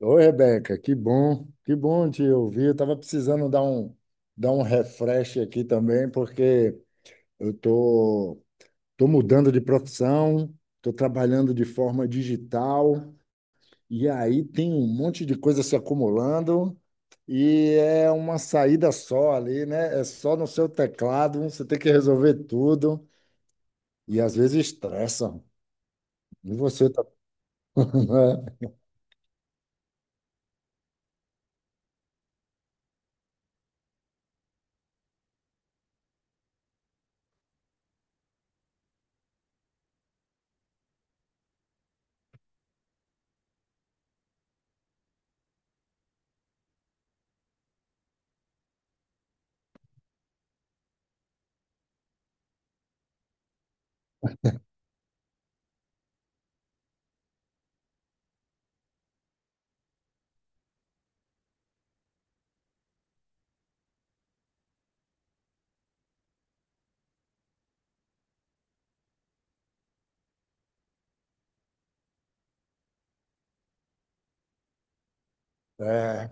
Oi, Rebeca, que bom te ouvir. Eu estava precisando dar um refresh aqui também, porque eu tô, tô mudando de profissão, estou trabalhando de forma digital, e aí tem um monte de coisa se acumulando, e é uma saída só ali, né? É só no seu teclado, você tem que resolver tudo, e às vezes estressa. E você tá. É.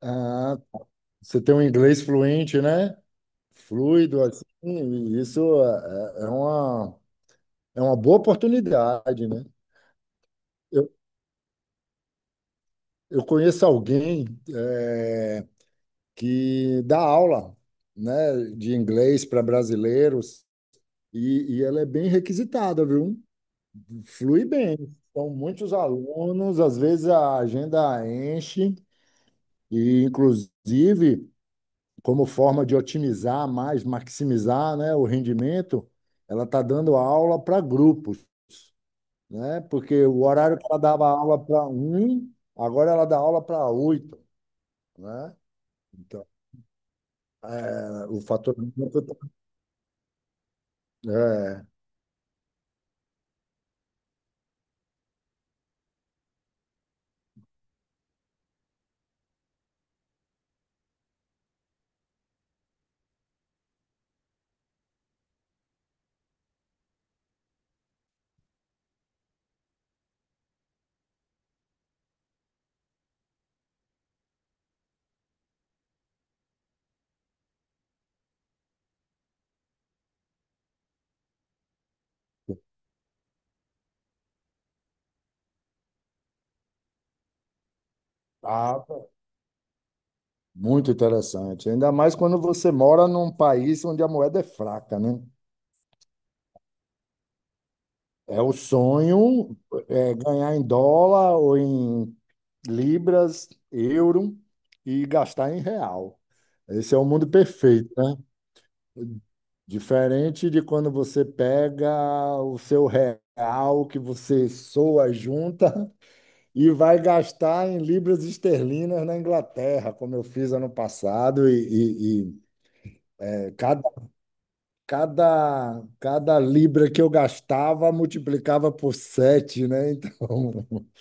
Ah, você tem um inglês fluente, né? Fluido assim, e isso é uma, é uma boa oportunidade, né? Eu, eu conheço alguém é, que dá aula, né, de inglês para brasileiros e ela é bem requisitada, viu? Flui bem. São muitos alunos, às vezes a agenda enche e, inclusive, como forma de otimizar mais, maximizar, né, o rendimento, ela está dando aula para grupos. Né? Porque o horário que ela dava aula para um, agora ela dá aula para oito, né? Então, é, o fator é, tá muito interessante, ainda mais quando você mora num país onde a moeda é fraca, né? É o sonho é, ganhar em dólar ou em libras, euro e gastar em real. Esse é o mundo perfeito, né? Diferente de quando você pega o seu real que você soa, junta e vai gastar em libras esterlinas na Inglaterra, como eu fiz ano passado, e, é, cada, cada libra que eu gastava multiplicava por 7, né? Então,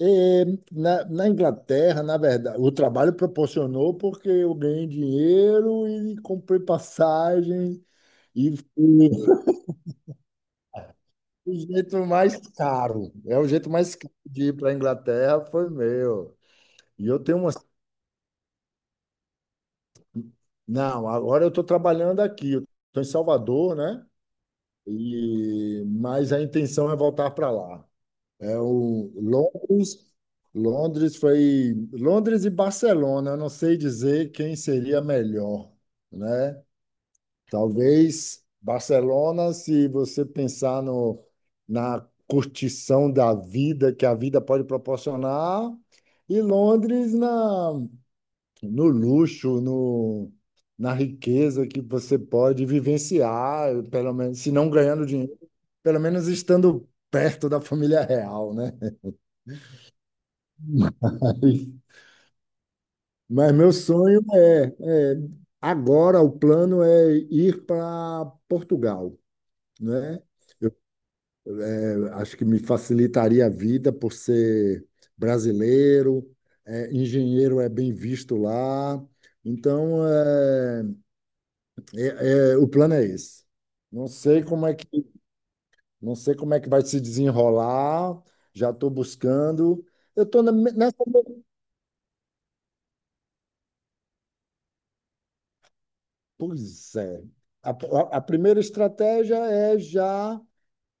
é, na Inglaterra, na verdade, o trabalho proporcionou porque eu ganhei dinheiro e comprei passagem. E fui. O jeito mais caro, é o jeito mais caro de ir para a Inglaterra foi meu. E eu tenho uma. Não, agora eu estou trabalhando aqui, eu estou em Salvador, né? E mas a intenção é voltar para lá. É o Londres, Londres foi. Londres e Barcelona, eu não sei dizer quem seria melhor, né? Talvez Barcelona, se você pensar no, na curtição da vida que a vida pode proporcionar, e Londres na, no luxo, no, na riqueza que você pode vivenciar, pelo menos, se não ganhando dinheiro, pelo menos estando perto da família real, né? Mas meu sonho é agora o plano é ir para Portugal, né? Acho que me facilitaria a vida por ser brasileiro, é, engenheiro é bem visto lá. Então, o plano é esse. Não sei como é que, não sei como é que vai se desenrolar. Já estou buscando. Eu estou nessa. Pois é. A primeira estratégia é já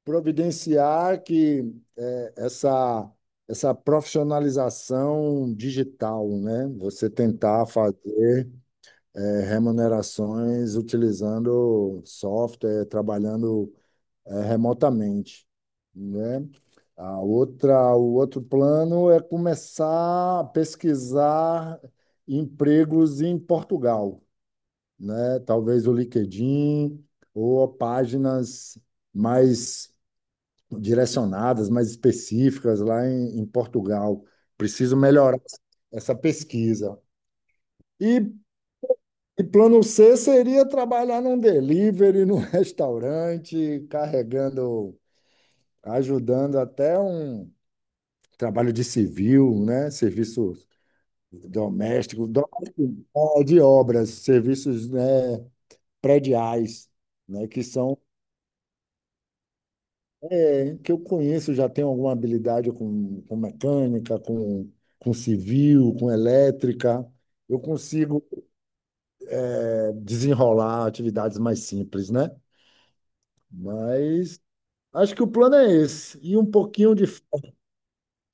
providenciar que essa, essa profissionalização digital, né? Você tentar fazer remunerações utilizando software, trabalhando remotamente, né? A outra, o outro plano é começar a pesquisar empregos em Portugal, né? Talvez o LinkedIn ou páginas mais direcionadas, mais específicas lá em Portugal. Preciso melhorar essa pesquisa. E, e plano C seria trabalhar num delivery, num restaurante, carregando, ajudando até um trabalho de civil, né? Serviço doméstico, não, de obras, serviços, né, prediais, né, que são. É, que eu conheço já tem alguma habilidade com mecânica, com civil, com elétrica. Eu consigo é, desenrolar atividades mais simples, né? Mas acho que o plano é esse. E um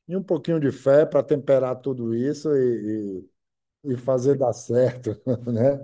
e um pouquinho de fé para temperar tudo isso e fazer dar certo, né?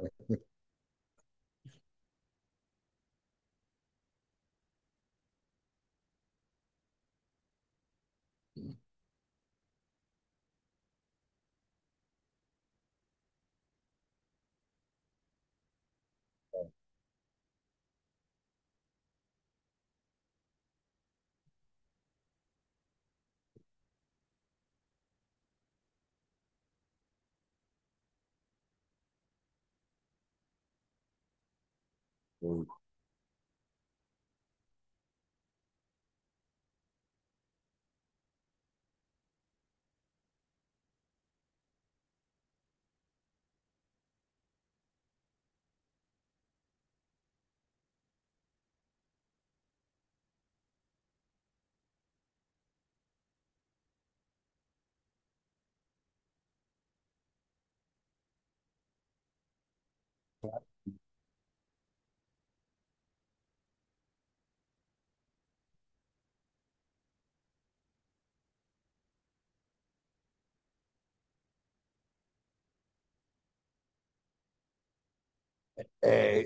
É,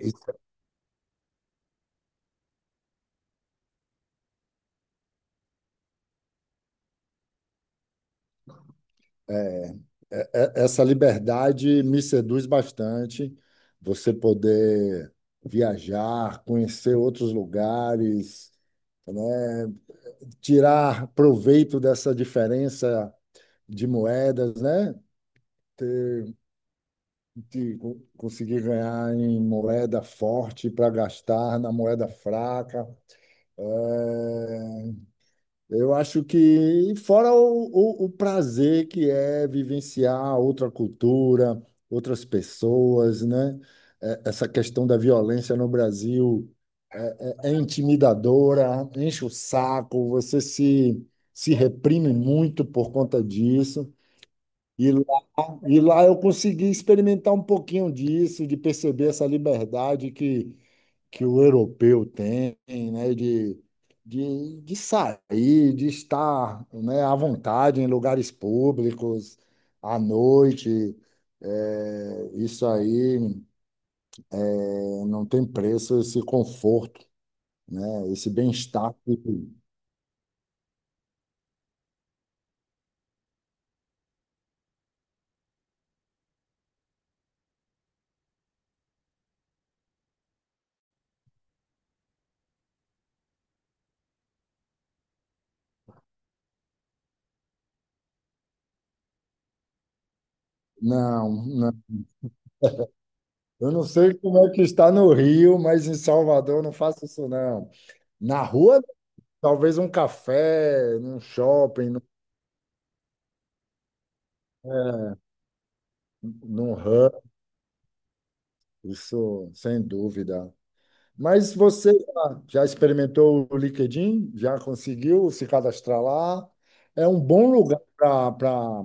É, essa liberdade me seduz bastante. Você poder viajar, conhecer outros lugares, né? Tirar proveito dessa diferença de moedas, né? Conseguir ganhar em moeda forte para gastar na moeda fraca. É, eu acho que, fora o prazer que é vivenciar outra cultura, outras pessoas, né? É, essa questão da violência no Brasil é intimidadora, enche o saco, você se, se reprime muito por conta disso. E lá, e lá eu consegui experimentar um pouquinho disso, de perceber essa liberdade que o europeu tem, né, de sair, de estar, né, à vontade em lugares públicos, à noite. É, isso aí é, não tem preço, esse conforto, né, esse bem-estar. Que não, não. Eu não sei como é que está no Rio, mas em Salvador eu não faço isso, não. Na rua, talvez um café, num shopping, num, é, num hub, isso sem dúvida. Mas você já, já experimentou o LinkedIn? Já conseguiu se cadastrar lá? É um bom lugar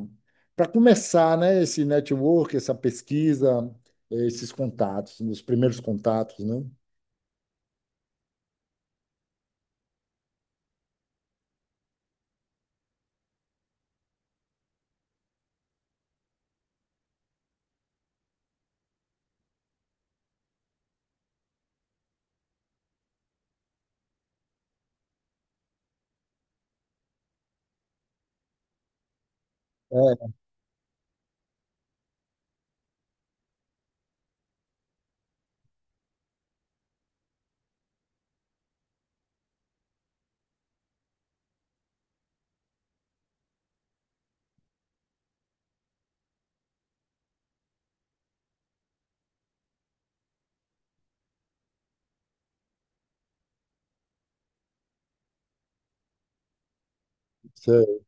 para começar, né? Esse network, essa pesquisa, esses contatos, os primeiros contatos, né? É, você-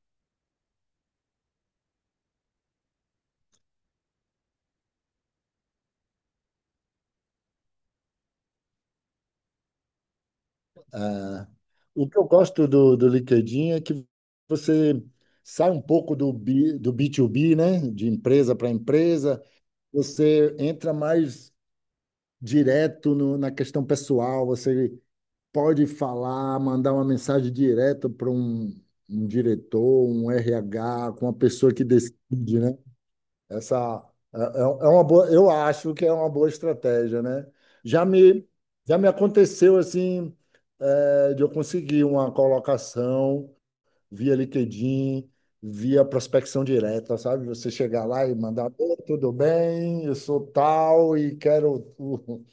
é. O que eu gosto do LinkedIn é que você sai um pouco do, B, do B2B, né? De empresa para empresa, você entra mais direto no- na questão pessoal, você pode falar, mandar uma mensagem direto um diretor, um RH, com uma pessoa que decide, né? Essa é uma boa, eu acho que é uma boa estratégia, né? Já me, já me aconteceu assim, é, de eu conseguir uma colocação via LinkedIn, via prospecção direta, sabe? Você chegar lá e mandar, "Oi, tudo bem, eu sou tal e quero o,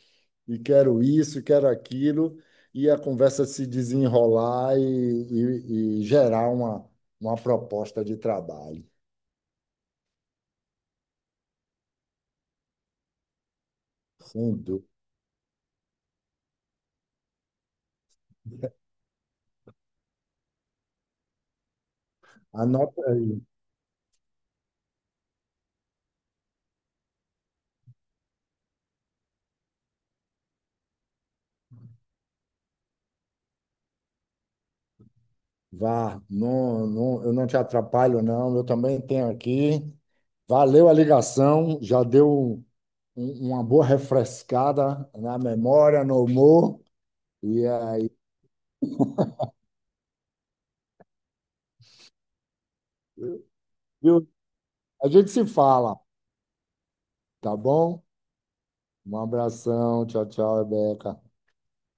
e quero isso, e quero aquilo, e a conversa se desenrolar e gerar uma proposta de trabalho. Sem dúvida. Anota aí, vá, não, não, eu não te atrapalho, não, eu também tenho aqui. Valeu a ligação, já deu uma boa refrescada na memória, no humor, e aí, viu? A gente se fala, tá bom? Um abração, tchau, tchau, Rebeca.